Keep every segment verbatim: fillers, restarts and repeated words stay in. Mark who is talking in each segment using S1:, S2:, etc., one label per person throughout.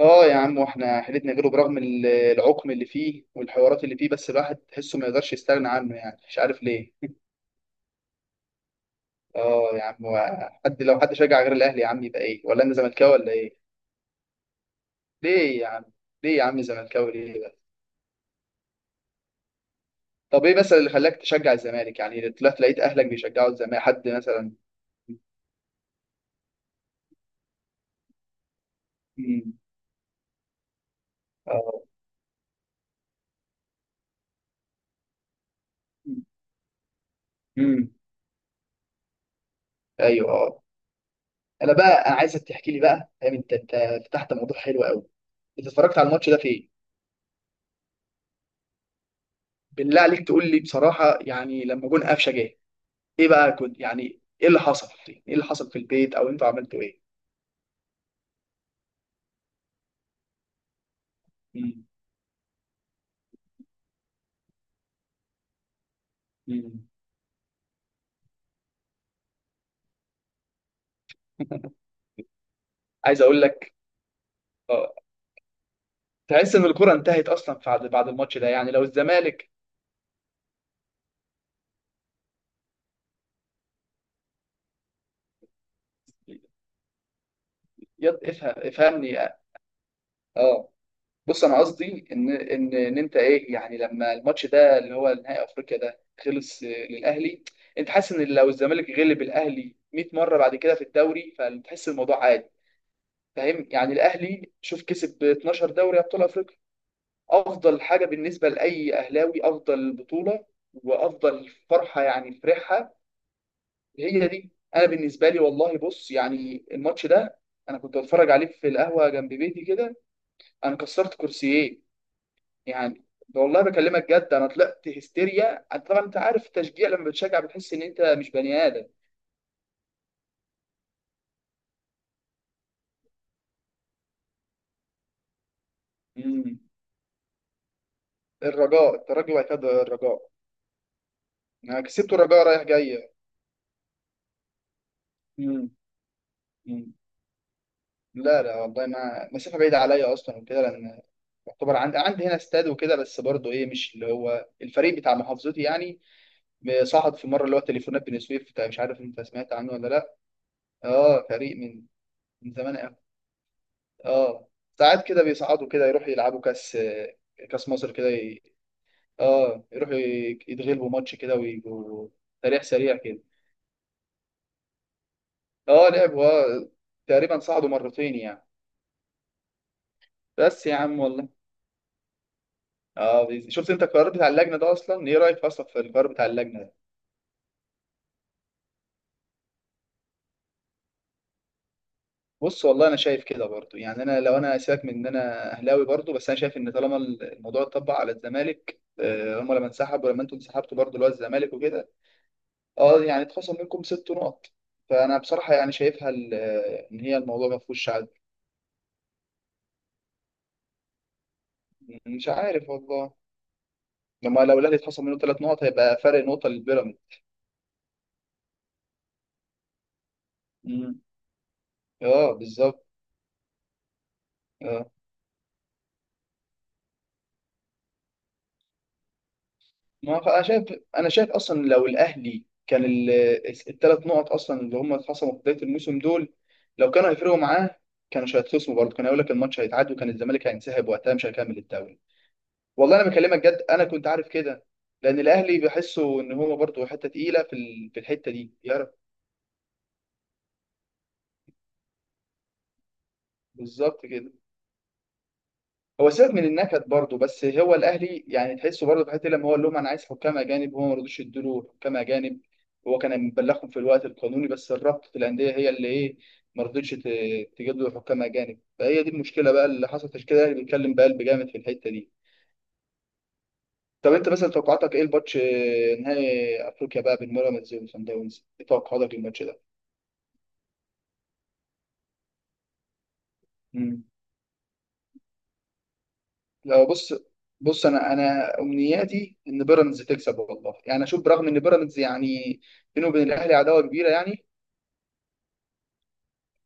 S1: اه يا عم واحنا حيلتنا غيره برغم ال- العقم اللي فيه والحوارات اللي فيه، بس الواحد تحسه ما يقدرش يستغنى عنه، يعني مش عارف ليه. اه يا عم، و- حد لو حد شجع غير الاهلي يا عم يبقى ايه، ولا انا زملكاوي ولا ايه؟ ليه يا عم؟ ليه يا عم زملكاوي ليه بقى؟ طب ايه مثلا اللي خلاك تشجع الزمالك؟ يعني طلعت لقيت اهلك بيشجعوا الزمالك حد مثلا؟ امم اه. امم. ايوه اه. انا بقى انا عايزك تحكي لي بقى، فاهم؟ انت انت فتحت موضوع حلو قوي. انت اتفرجت على الماتش ده فين؟ بالله عليك تقول لي بصراحه، يعني لما جون قفشه جه ايه بقى كنت؟ يعني ايه اللي حصل؟ ايه اللي حصل في البيت، او انتوا عملتوا ايه؟ مم. مم. عايز اقول لك. اه، تحس ان الكره انتهت اصلا بعد بعد الماتش ده يعني، لو الزمالك يض- افهم افهمني اه. آه. بص، انا قصدي ان ان ان انت ايه يعني لما الماتش ده اللي هو نهائي افريقيا ده خلص آه، للاهلي. انت حاسس ان لو الزمالك غلب الاهلي مئة مرة مره بعد كده في الدوري فتحس الموضوع عادي؟ فاهم يعني، الاهلي شوف كسب 12 دوري ابطال افريقيا، افضل حاجه بالنسبه لاي اهلاوي، افضل بطوله وافضل فرحه يعني، فرحها هي دي. انا بالنسبه لي والله بص، يعني الماتش ده انا كنت بتفرج عليه في القهوه جنب بيتي كده، انا كسرت كرسيين يعني. والله بكلمك جد، انا طلعت هستيريا. أنت طبعا انت عارف التشجيع لما بتشجع بتحس ان انت مش بني ادم. مم. الرجاء الترجي وعتاد الرجاء. انا كسبت الرجاء رايح جاي. مم. مم. لا لا والله، ما مسافة بعيدة عليا أصلا وكده، لأن يعتبر عندي، عندي هنا استاد وكده، بس برضه إيه، مش اللي هو الفريق بتاع محافظتي يعني. صعد في مرة اللي هو تليفونات بني سويف بتاع- مش عارف أنت سمعت عنه ولا لأ. أه فريق من، من زمان أوي. أه، ساعات كده بيصعدوا كده، يروحوا يلعبوا كأس كأس مصر كده ي... أه يروحوا ي- يتغلبوا ماتش كده ويبقوا تاريخ سريع كده. أه لعبوا أه، تقريبا صعدوا مرتين يعني. بس يا عم والله. اه بيز- شفت انت القرار بتاع اللجنه ده، اصلا ايه رايك اصلا في القرار بتاع اللجنه ده؟ بص والله انا شايف كده برضو يعني، انا لو انا سيبك من ان انا اهلاوي برضو، بس انا شايف ان طالما الموضوع اتطبق على الزمالك آه، هم لما انسحبوا ولما انتوا انسحبتوا برضو اللي هو الزمالك وكده، اه يعني اتخصم منكم ست نقط. فانا بصراحه يعني شايفها ال- آه، ان هي الموضوع ما فيهوش عدل. مش عارف والله، لما لو الاهلي اتخصم منه ثلاث نقط هيبقى فرق نقطه للبيراميدز. مم. اه بالظبط. آه. ما خ- انا شايف، انا شايف اصلا لو الاهلي كان، الثلاث نقط اصلا اللي هم اتخصموا في بدايه الموسم دول، لو كانوا هيفرقوا معاه كانوش هيتخصموا برضه، كان هيقول لك الماتش هيتعاد وكان الزمالك هينسحب، وقتها مش هيكمل الدوري. والله انا بكلمك جد انا كنت عارف كده، لان الاهلي بحسه ان هو برضه حته تقيله في ال- في الحته دي، يعرف. بالظبط كده. هو سيبك من النكد برضه، بس هو الاهلي يعني تحسه برضه في حته، لما هو قال لهم انا عايز حكام اجانب، هو ما رضوش يدوا حكام اجانب، هو كان مبلغهم في الوقت القانوني، بس الرابطه الانديه هي اللي ايه، ما رضتش ت- تجيب له حكام اجانب، فهي دي المشكله بقى اللي حصلت عشان كده الاهلي بيتكلم بقلب جامد في الحته دي. طب انت مثلا توقعاتك ايه الماتش آه، نهائي افريقيا بقى بين بيراميدز وصن داونز، ايه توقعاتك للماتش ده؟ لو بص، بص، انا انا امنياتي ان بيراميدز تكسب والله، يعني اشوف برغم ان بيراميدز يعني بينه وبين الاهلي عداوه كبيره يعني.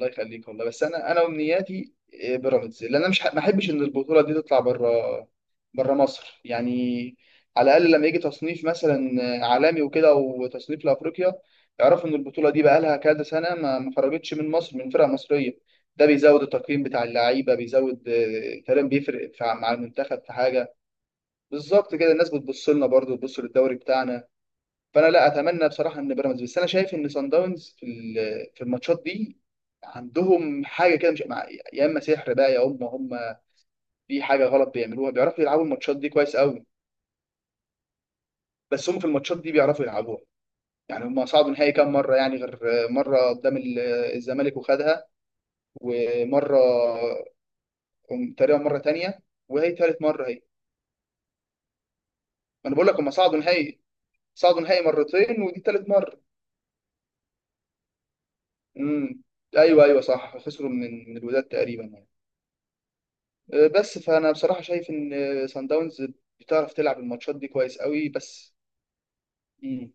S1: الله يخليك والله، بس انا انا امنياتي إيه، بيراميدز، لان انا مش ح- ما احبش ان البطوله دي تطلع بره، بره مصر يعني. على الاقل لما يجي تصنيف مثلا عالمي وكده، وتصنيف لافريقيا، يعرفوا ان البطوله دي بقى لها كذا سنه ما ما خرجتش من مصر من فرقه مصريه. ده بيزود التقييم بتاع اللعيبه، بيزود آه، كلام بيفرق في- مع المنتخب في حاجه. بالظبط كده، الناس بتبص لنا برضه، بتبص للدوري بتاعنا. فانا لا اتمنى بصراحه ان بيراميدز، بس انا شايف ان سان داونز في ال- في الماتشات دي عندهم حاجه كده مش مع- يا اما سحر بقى، يا اما هم في حاجه غلط بيعملوها، بيعرفوا يلعبوا الماتشات دي كويس قوي. بس هم في الماتشات دي بيعرفوا يلعبوها، يعني هم صعدوا نهائي كام مره يعني، غير مره قدام ال- الزمالك وخدها، ومره تقريبا، مره تانية، وهي تالت مره هي. انا بقول لك هم صعدوا نهائي، صعدوا نهائي مرتين ودي تالت مره. امم. ايوه ايوه صح، خسروا من، من الوداد تقريبا يعني. أه، بس فانا بصراحه شايف ان سان داونز بتعرف تلعب الماتشات دي كويس قوي بس. امم.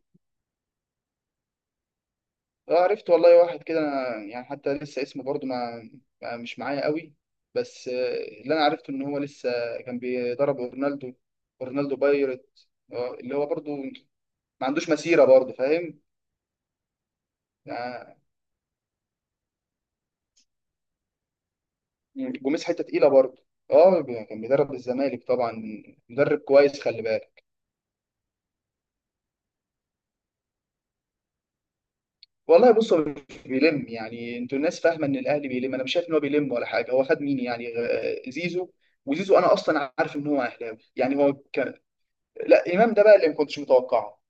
S1: آه، عرفت والله، واحد كده أنا يعني حتى لسه اسمه برضو ما ما- مش معايا قوي. بس أه، اللي انا عرفته ان هو لسه كان بيدرب رونالدو، رونالدو بايرت، أه، اللي هو برضو ما عندوش مسيره برضو، فاهم يعني. مم. جوميز حته تقيله برضو. اه كان بيدرب الزمالك طبعا، مدرب كويس، خلي بالك. والله بص، هو مش بيلم يعني، انتوا الناس فاهمه ان الاهلي بيلم، انا مش شايف ان هو بيلم ولا حاجه. هو خد مين يعني؟ آه، زيزو. وزيزو انا اصلا عارف ان هو اهلاوي يعني هو كان. لا امام ده بقى اللي ما كنتش متوقعه.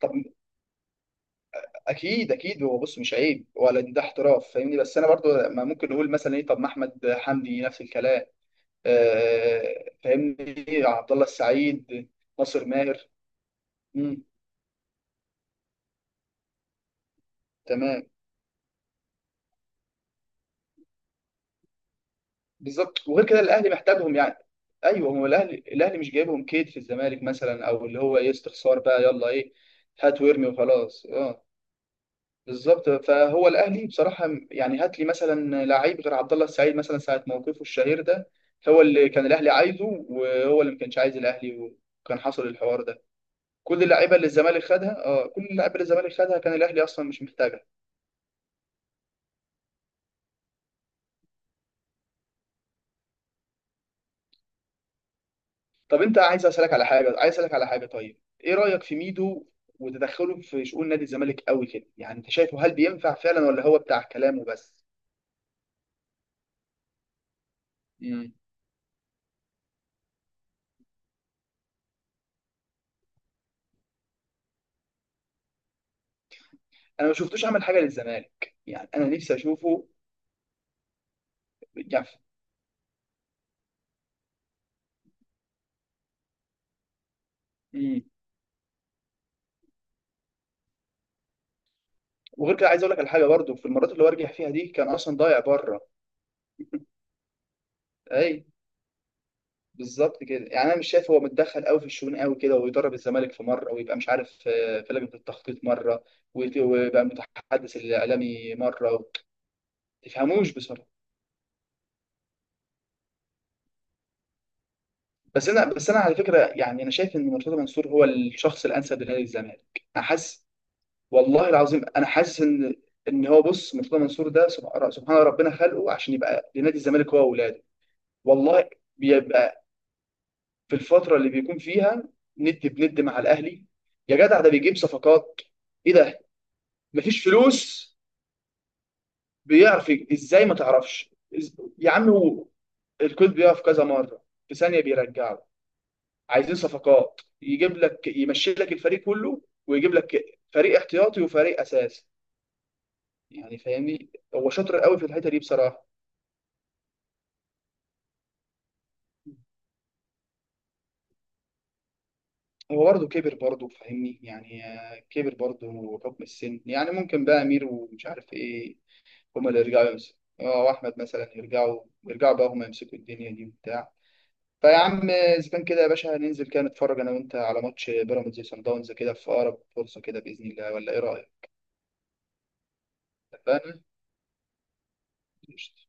S1: طب، اكيد اكيد هو بص، مش عيب ولا ده احتراف فاهمني، بس انا برضو ما ممكن نقول مثلا ايه، طب ما احمد حمدي نفس الكلام. آه، فاهمني، عبد الله السعيد، ناصر ماهر. مم، تمام. بالظبط، وغير كده الاهلي محتاجهم يعني. ايوه هو الاهلي، الاهلي مش جايبهم كيد في الزمالك مثلا، او اللي هو ايه استخسار بقى يلا ايه. هات وارمي وخلاص اه. بالظبط، فهو الاهلي بصراحه يعني، هات لي مثلا لعيب غير عبد الله السعيد مثلا ساعه موقفه الشهير ده، هو اللي كان الاهلي عايزه وهو اللي ما كانش عايز الاهلي وكان حصل الحوار ده. كل اللعيبه اللي الزمالك خدها، اه، كل اللعيبه اللي الزمالك خدها كان الاهلي اصلا مش محتاجها. طب انت عايز اسالك على حاجه، عايز اسالك على حاجه، طيب ايه رايك في ميدو وتدخله في شؤون نادي الزمالك قوي كده يعني؟ انت شايفه هل بينفع فعلا ولا هو بتاع كلام وبس؟ امم. انا ما شفتوش عمل حاجه للزمالك يعني، انا نفسي اشوفه يعني. امم. وغير كده عايز اقول لك على حاجه برضو، في المرات اللي هو رجع فيها دي كان اصلا ضايع بره. اي. بالظبط كده، يعني انا مش شايف، هو متدخل قوي في الشؤون قوي كده، ويدرب الزمالك في مره، ويبقى مش عارف آه، في لجنه التخطيط مره، ويت- ويبقى متحدث الاعلامي مره، ما تفهموش. بس انا بس انا على فكره يعني، انا شايف ان مرتضى منصور هو الشخص الانسب لنادي الزمالك، انا حاسس. والله العظيم انا حاسس ان، ان هو بص، مرتضى منصور ده سبحان سبحان ربنا خلقه عشان يبقى لنادي الزمالك هو واولاده. والله. بيبقى في الفتره اللي بيكون فيها ند بند مع الاهلي، يا جدع ده بيجيب صفقات، ايه ده. مفيش فلوس، بيعرف ي- ازاي، ما تعرفش إز- يا عم هو. الكود بيقف كذا مره، في ثانيه بيرجعه. عايزين صفقات، يجيب لك يمشي لك الفريق كله، ويجيب لك فريق احتياطي وفريق اساسي. يعني فاهمني هو شاطر قوي في الحته دي بصراحه. هو برضه كبر برضه فاهمني يعني، آه، كبر برضه حكم السن يعني، ممكن بقى امير ومش عارف ايه، هما اللي يرجعوا يمسكوا، اه، واحمد مثلا، يرجعوا، يرجعوا بقى هما يمسكوا الدنيا دي وبتاع. فيا عم اذا كان كده يا باشا هننزل كده نتفرج انا وانت على ماتش بيراميدز وصن داونز كده في اقرب فرصه كده باذن الله، ولا ايه رايك؟ اتفقنا؟ قشطة.